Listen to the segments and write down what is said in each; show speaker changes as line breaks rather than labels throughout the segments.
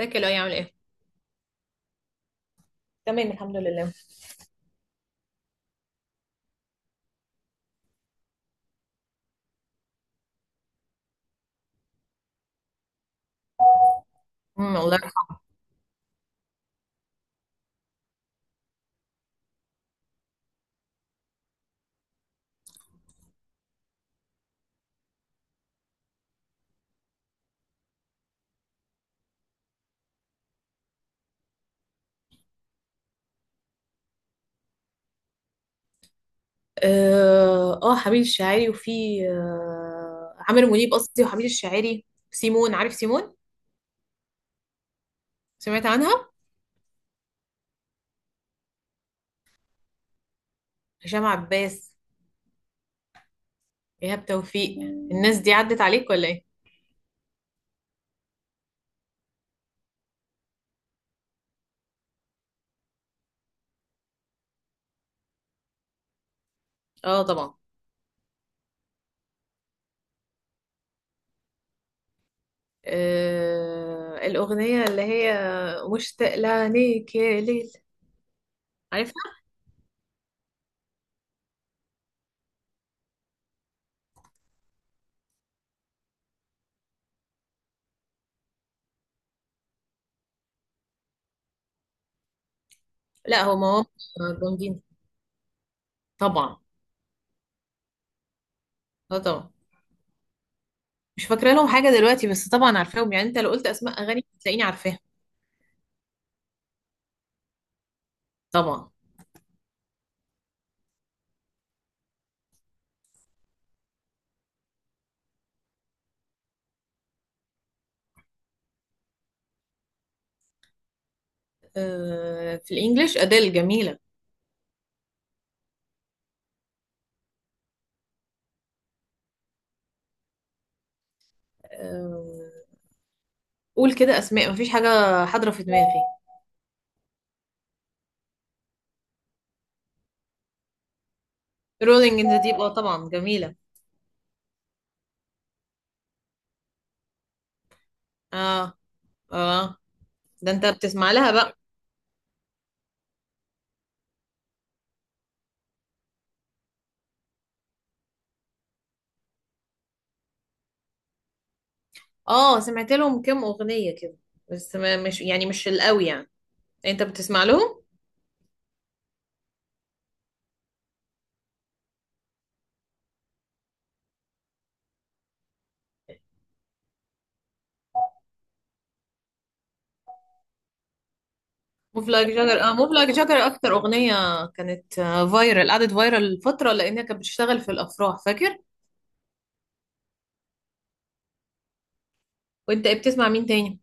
ازيك يا لؤي، عامل ايه؟ تمام، الحمد لله. الله يرحمه. اه، حميد الشاعري. وفي عامر منيب قصدي، وحميد الشاعري. سيمون، عارف سيمون؟ سمعت عنها؟ هشام عباس، ايهاب توفيق، الناس دي عدت عليك ولا ايه؟ اه، طبعا. الأغنية اللي هي مشتاق لعينيك يا ليل، عارفها؟ لا، هو مواقف جامدين. طبعا، اه، طبعا. مش فاكرة لهم حاجة دلوقتي، بس طبعا عارفاهم، يعني انت لو قلت اسماء اغاني هتلاقيني عارفاها. طبعا. في الانجليش اديل جميله. آه، قول كده اسماء، مفيش حاجه حاضره في دماغي. رولينج ان ذا ديب، اه طبعا جميله. اه، اه. ده انت بتسمع لها بقى؟ اه، سمعت لهم كام اغنيه كده، بس ما مش، يعني مش القوي يعني. انت بتسمع لهم؟ موف لايك جاجر. اه، موف لايك جاجر اكتر اغنيه كانت فايرال. قعدت فايرال فتره لانها كانت بتشتغل في الافراح، فاكر. وانت إيه بتسمع مين تاني؟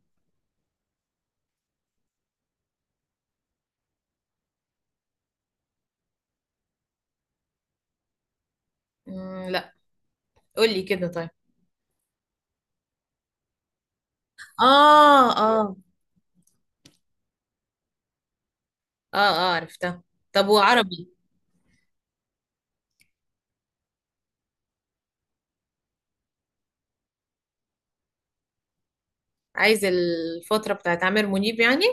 مم، لا. قول لي كده طيب. اه، اه. اه، اه، عرفتها. طب، وعربي؟ عايز الفترة بتاعت عامر منيب يعني.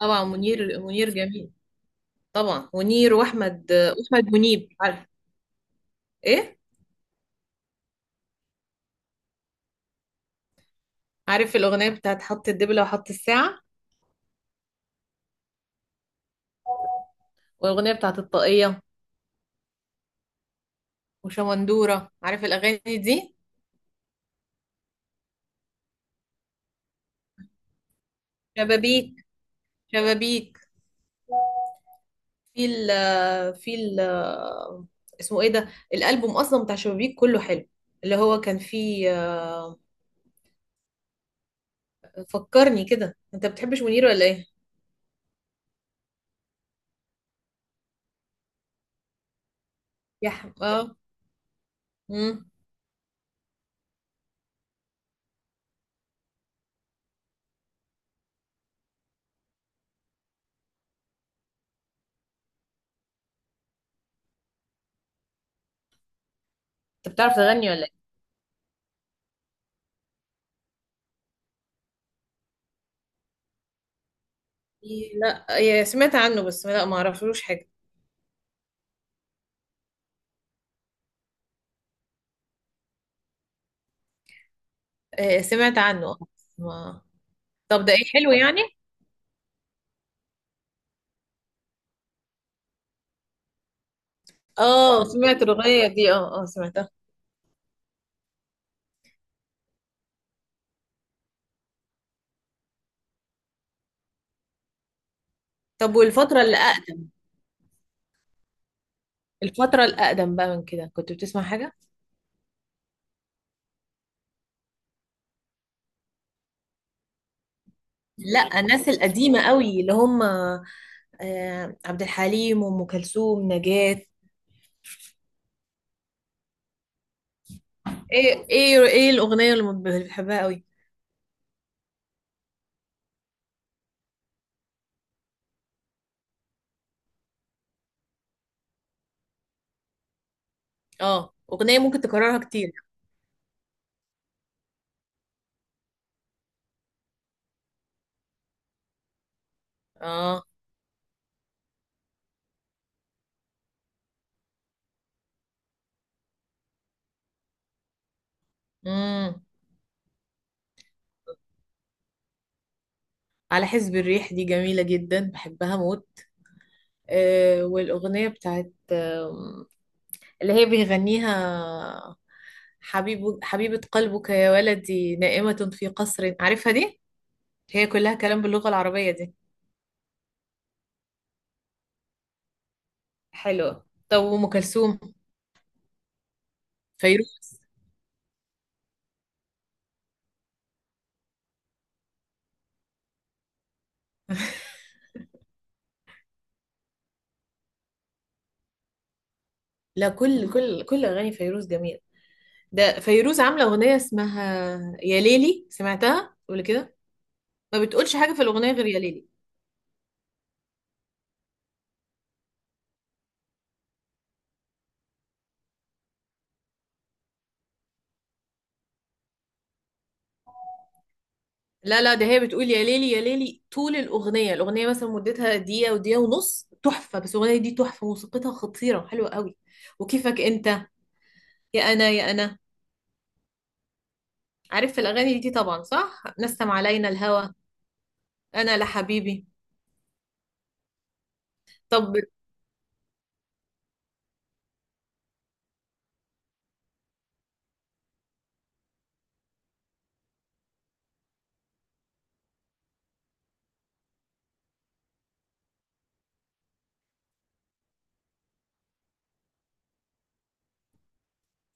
طبعا، منير، منير جميل. طبعا منير، واحمد منيب، عارف ايه؟ عارف الاغنية بتاعت حط الدبلة وحط الساعة، والاغنية بتاعت الطاقية، وشمندورة؟ عارف الاغاني دي؟ شبابيك، شبابيك، في ال في ال اسمه ايه ده الالبوم اصلا بتاع شبابيك؟ كله حلو، اللي هو كان فيه. آه، فكرني كده، انت بتحبش منير ولا ايه؟ اه. امم. انت بتعرف تغني ولا؟ لا، سمعت عنه بس، لا، ما اعرفلوش حاجة. سمعت عنه. ما. طب ده ايه، حلو يعني. اه، سمعت الأغنية دي، اه، اه، سمعتها. طب والفترة اللي أقدم؟ الفترة الأقدم بقى من كده كنت بتسمع حاجة؟ لا، الناس القديمة قوي اللي هم عبد الحليم وأم كلثوم، نجاة. ايه، الأغنية اللي ما بتحبها قوي؟ اه، أغنية ممكن تكررها كتير. اه، امم. على حسب الريح دي جميلة جدا، بحبها موت. والأغنية بتاعت اللي هي بيغنيها حبيبة قلبك يا ولدي نائمة في قصر، عارفها دي؟ هي كلها كلام باللغة العربية دي. حلوة. طب، وأم كلثوم؟ فيروز. لا، كل أغاني فيروز جميلة. ده فيروز عاملة أغنية اسمها يا ليلي، سمعتها قبل كده؟ ما بتقولش حاجة في الأغنية غير يا ليلي. لا، لا، ده هي بتقول يا ليلي يا ليلي طول الأغنية. الأغنية مثلا مدتها دقيقة، ودقيقة ونص، تحفة. بس الأغنية دي تحفة، موسيقتها خطيرة، حلوة قوي. وكيفك أنت، يا أنا يا أنا، عارف الأغاني دي طبعا؟ صح، نسم علينا الهوى، أنا لحبيبي. طب.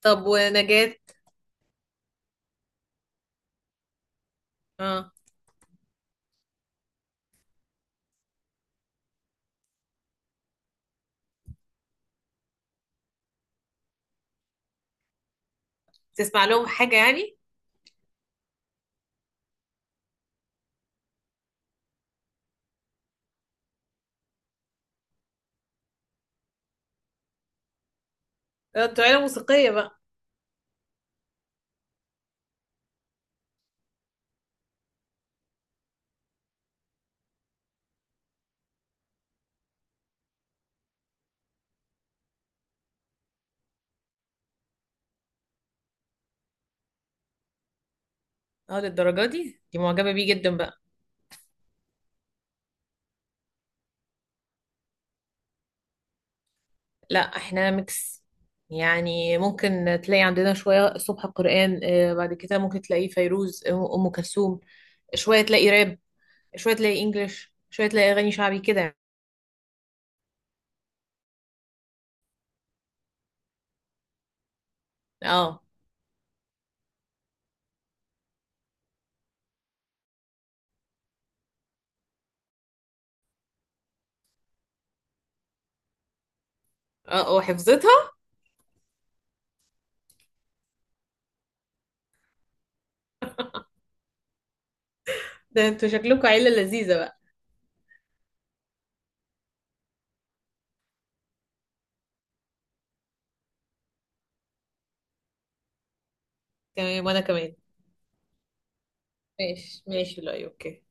ونجاة. اه، تسمع لهم حاجة يعني. طلع موسيقية بقى. اه، للدرجة دي معجبة بيه جدا بقى. لا، احنا ميكس. يعني ممكن تلاقي عندنا شوية الصبح قرآن، بعد كده ممكن تلاقيه فيروز، أم كلثوم. شوية تلاقي راب، شوية تلاقي انجليش، شوية تلاقي أغاني شعبي كده. اه، اه، وحفظتها. ده انتوا شكلكم عيلة لذيذة بقى. تمام، وانا كمان. ماشي، ماشي. لا، اوكي.